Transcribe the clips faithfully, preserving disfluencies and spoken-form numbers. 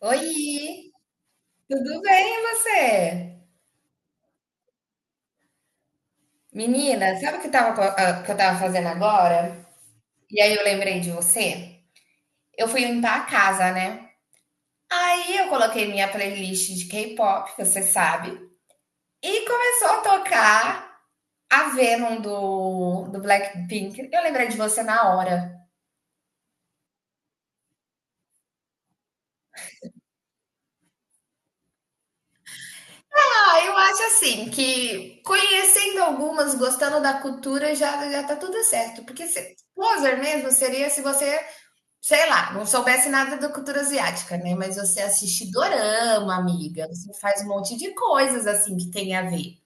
Oi, tudo bem e você? Menina, sabe o que tava co- ah, que eu tava fazendo agora? E aí eu lembrei de você? Eu fui limpar a casa, né? Aí eu coloquei minha playlist de K-pop, que você sabe, e começou a tocar a Venom do, do Blackpink. Eu lembrei de você na hora. Ah, eu acho assim que conhecendo algumas, gostando da cultura, já, já tá tudo certo. Porque se, poser mesmo seria se você sei lá, não soubesse nada da cultura asiática, né? Mas você assiste dorama, amiga. Você faz um monte de coisas assim que tem a ver.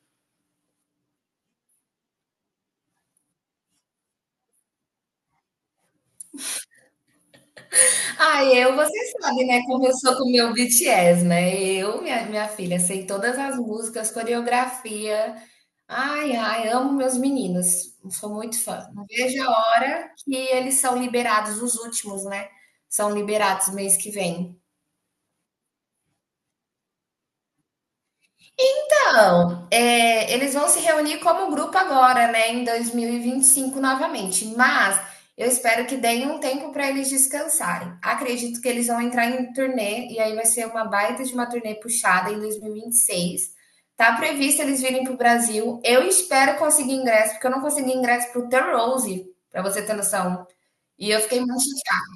Ah, eu, você sabe, né? Como eu sou com o meu B T S, né? Eu, minha, minha filha, sei todas as músicas, coreografia. Ai, ai, amo meus meninos. Sou muito fã. Não vejo a hora que eles são liberados, os últimos, né? São liberados mês que vem. Então, é, eles vão se reunir como grupo agora, né, em dois mil e vinte e cinco novamente, mas eu espero que deem um tempo para eles descansarem. Acredito que eles vão entrar em turnê e aí vai ser uma baita de uma turnê puxada em dois mil e vinte e seis. Tá previsto eles virem pro Brasil. Eu espero conseguir ingresso, porque eu não consegui ingresso pro o The Rose, para você ter noção. E eu fiquei muito chateada.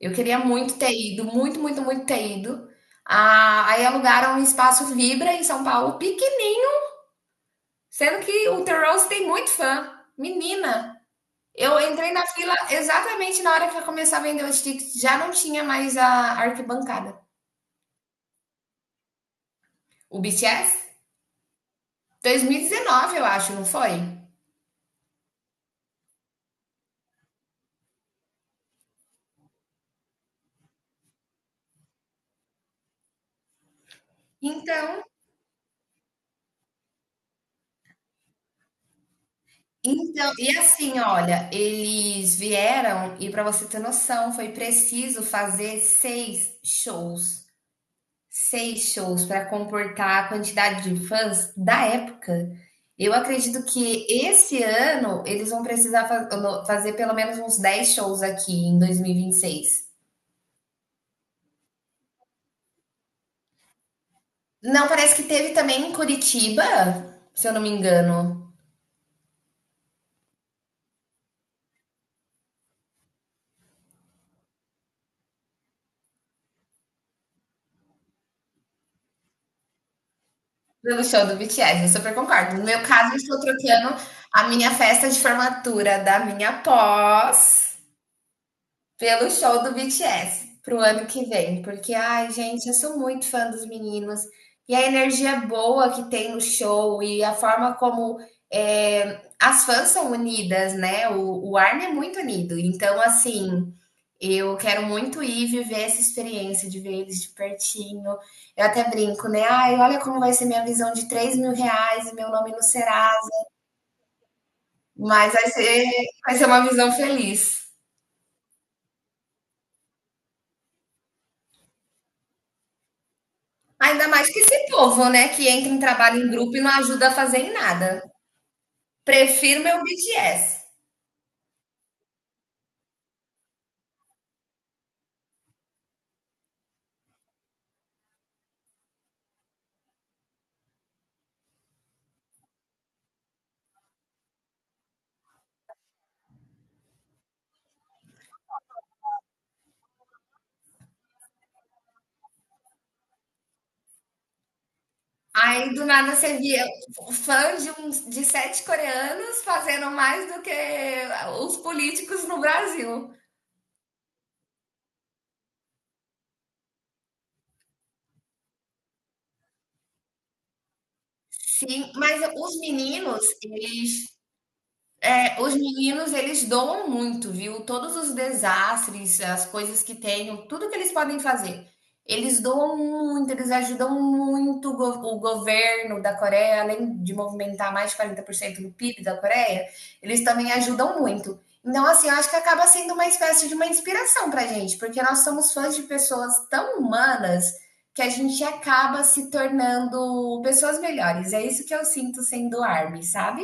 Eu queria muito ter ido, muito, muito, muito ter ido. Ah, aí alugaram um espaço Vibra em São Paulo, pequenininho. Sendo que o The Rose tem muito fã. Menina, eu entrei na fila exatamente na hora que ia começar a vender os tickets. Já não tinha mais a arquibancada. O B T S? dois mil e dezenove, eu acho, não foi? Então, então, e assim, olha, eles vieram e para você ter noção, foi preciso fazer seis shows. seis shows para comportar a quantidade de fãs da época. Eu acredito que esse ano eles vão precisar fa- no- fazer pelo menos uns dez shows aqui em dois mil e e vinte e seis. Não, parece que teve também em Curitiba, se eu não me engano, pelo show do B T S. Eu super concordo. No meu caso, eu estou trocando a minha festa de formatura da minha pós. Pelo show do B T S, para o ano que vem, porque, ai, gente, eu sou muito fã dos meninos, e a energia boa que tem no show, e a forma como é, as fãs são unidas, né? O, o ARMY é muito unido, então, assim, eu quero muito ir viver essa experiência de ver eles de pertinho. Eu até brinco, né? Ai, olha como vai ser minha visão de três mil reais e meu nome no Serasa, mas vai ser, vai ser uma visão feliz. Ainda mais que esse povo, né, que entra em trabalho em grupo e não ajuda a fazer em nada. Prefiro meu B T S. Aí do nada você via fã de, uns, de sete coreanos fazendo mais do que os políticos no Brasil. Sim, mas os meninos, eles É, os meninos, eles doam muito, viu? Todos os desastres, as coisas que tenham, tudo que eles podem fazer. Eles doam muito, eles ajudam muito o, go- o governo da Coreia, além de movimentar mais de quarenta por cento do P I B da Coreia, eles também ajudam muito. Então, assim, eu acho que acaba sendo uma espécie de uma inspiração pra gente, porque nós somos fãs de pessoas tão humanas que a gente acaba se tornando pessoas melhores. É isso que eu sinto sendo ARMY, sabe?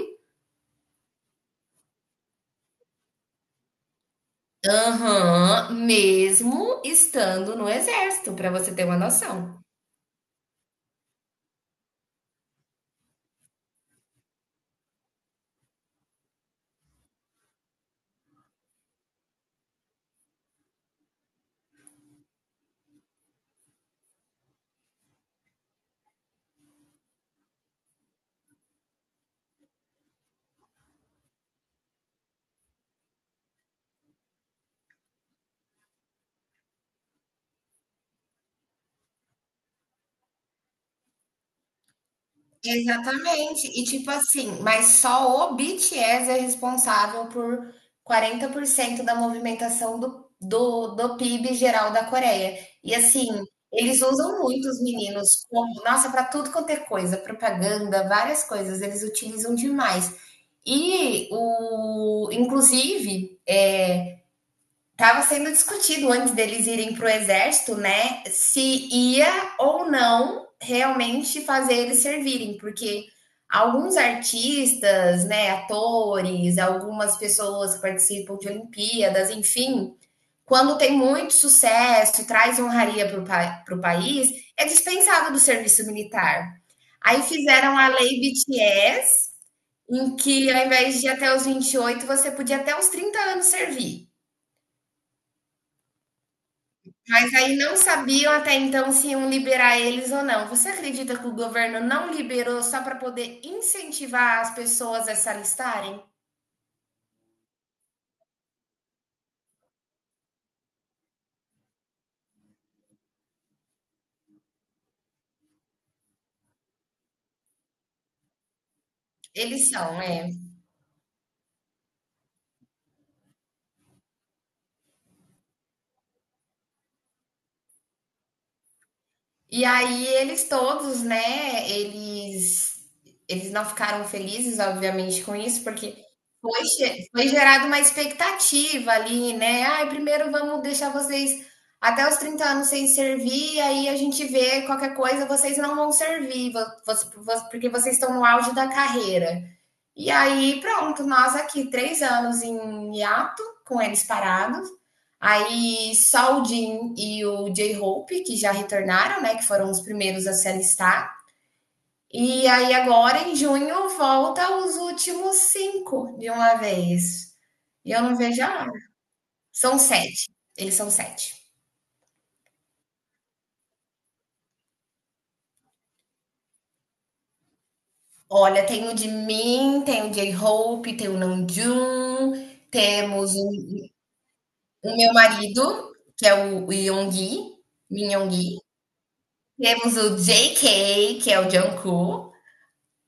Aham, mesmo estando no exército, para você ter uma noção. Exatamente. E tipo assim, mas só o B T S é responsável por quarenta por cento da movimentação do, do, do P I B geral da Coreia. E assim, eles usam muito os meninos como, nossa, para tudo quanto é coisa, propaganda, várias coisas, eles utilizam demais. E o, inclusive, é, Estava sendo discutido antes deles irem para o exército, né? Se ia ou não realmente fazer eles servirem, porque alguns artistas, né, atores, algumas pessoas que participam de Olimpíadas, enfim, quando tem muito sucesso e traz honraria para o país, é dispensado do serviço militar. Aí fizeram a lei B T S, em que ao invés de ir até os vinte e oito, você podia até os trinta anos servir. Mas aí não sabiam até então se iam liberar eles ou não. Você acredita que o governo não liberou só para poder incentivar as pessoas a se alistarem? Eles são, é. E aí eles todos, né, eles eles não ficaram felizes, obviamente, com isso, porque foi, ge- foi gerada uma expectativa ali, né? Ai, primeiro vamos deixar vocês até os trinta anos sem servir, aí a gente vê qualquer coisa, vocês não vão servir, vo- vo- vo- porque vocês estão no auge da carreira. E aí, pronto, nós aqui, três anos em hiato, com eles parados. Aí, só o Jim e o J-Hope, que já retornaram, né? Que foram os primeiros a se alistar. E aí, agora, em junho, volta os últimos cinco de uma vez. E eu não vejo a hora. São sete. Eles são sete. Olha, tem o de mim, tem o J-Hope, tem o Namjoon, temos o, o meu marido, que é o, o Yoongi, Min Yoongi. Temos o J K que é o Jungkook,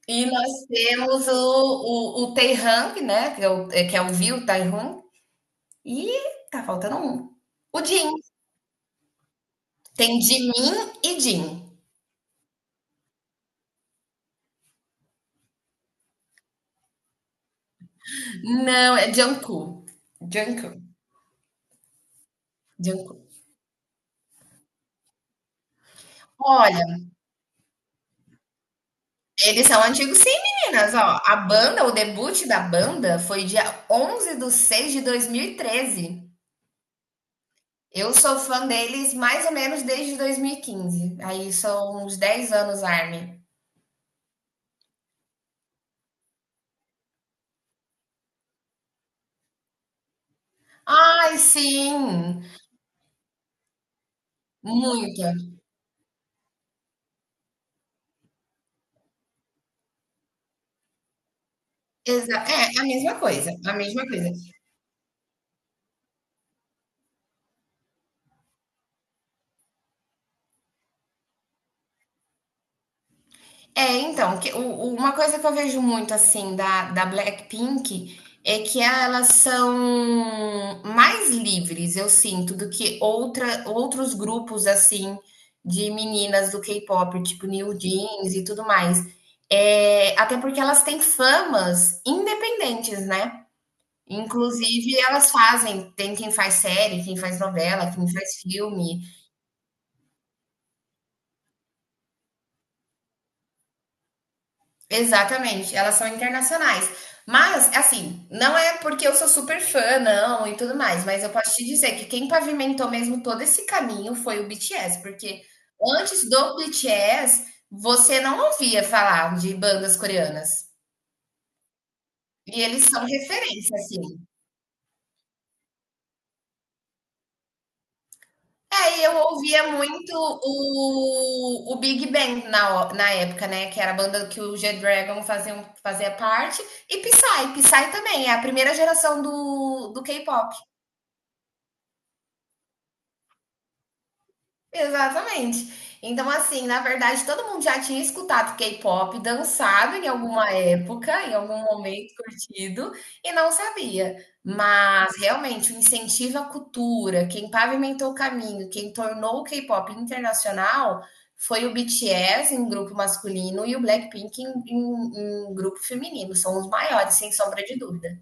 e nós temos o, o, o Taehyung, né, que é o, que é o Viu, Taehyung, e tá faltando um. O Jin. Tem Jimin e Jin. Não, é Jungkook. Jungkook. Jungkook. Olha, eles são antigos sim, meninas, ó. A banda, o debut da banda foi dia onze de seis de dois mil e treze. Eu sou fã deles mais ou menos desde dois mil e quinze. Aí são uns dez anos, Armin. Ai, sim, muita. Exa é, a mesma coisa, a mesma coisa. É, então, que o o uma coisa que eu vejo muito, assim, da da Blackpink, é que elas são mais livres, eu sinto, do que outra outros grupos, assim, de meninas do K-pop, tipo New Jeans e tudo mais. Eh, até porque elas têm famas independentes, né. Inclusive, elas fazem, tem quem faz série, quem faz novela, quem faz filme. Exatamente, elas são internacionais. Mas, assim, não é porque eu sou super fã, não, e tudo mais, mas eu posso te dizer que quem pavimentou mesmo todo esse caminho foi o B T S, porque antes do B T S, você não ouvia falar de bandas coreanas. E eles são referência, assim. É, e eu ouvia muito o, o Big Bang na, o- na época, né? Que era a banda que o G-Dragon fazia, um, fazia parte. E Psy, Psy também, é a primeira geração do, do K-pop. Exatamente. Então, assim, na verdade, todo mundo já tinha escutado K-pop, dançado em alguma época, em algum momento curtido, e não sabia. Mas, realmente, o incentivo à cultura, quem pavimentou o caminho, quem tornou o K-pop internacional, foi o B T S em grupo masculino e o Blackpink em, em- em grupo feminino. São os maiores, sem sombra de dúvida.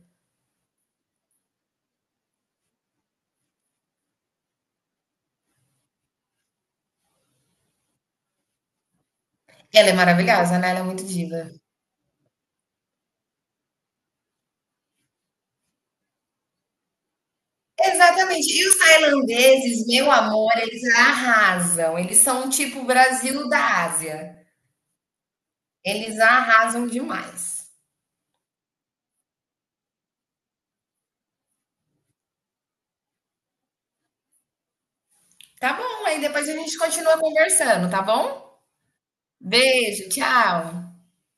Ela é maravilhosa, né? Ela é muito diva. Exatamente. E os tailandeses, meu amor, eles arrasam. Eles são tipo o Brasil da Ásia. Eles arrasam demais. Tá bom, aí depois a gente continua conversando, tá bom? Beijo, tchau.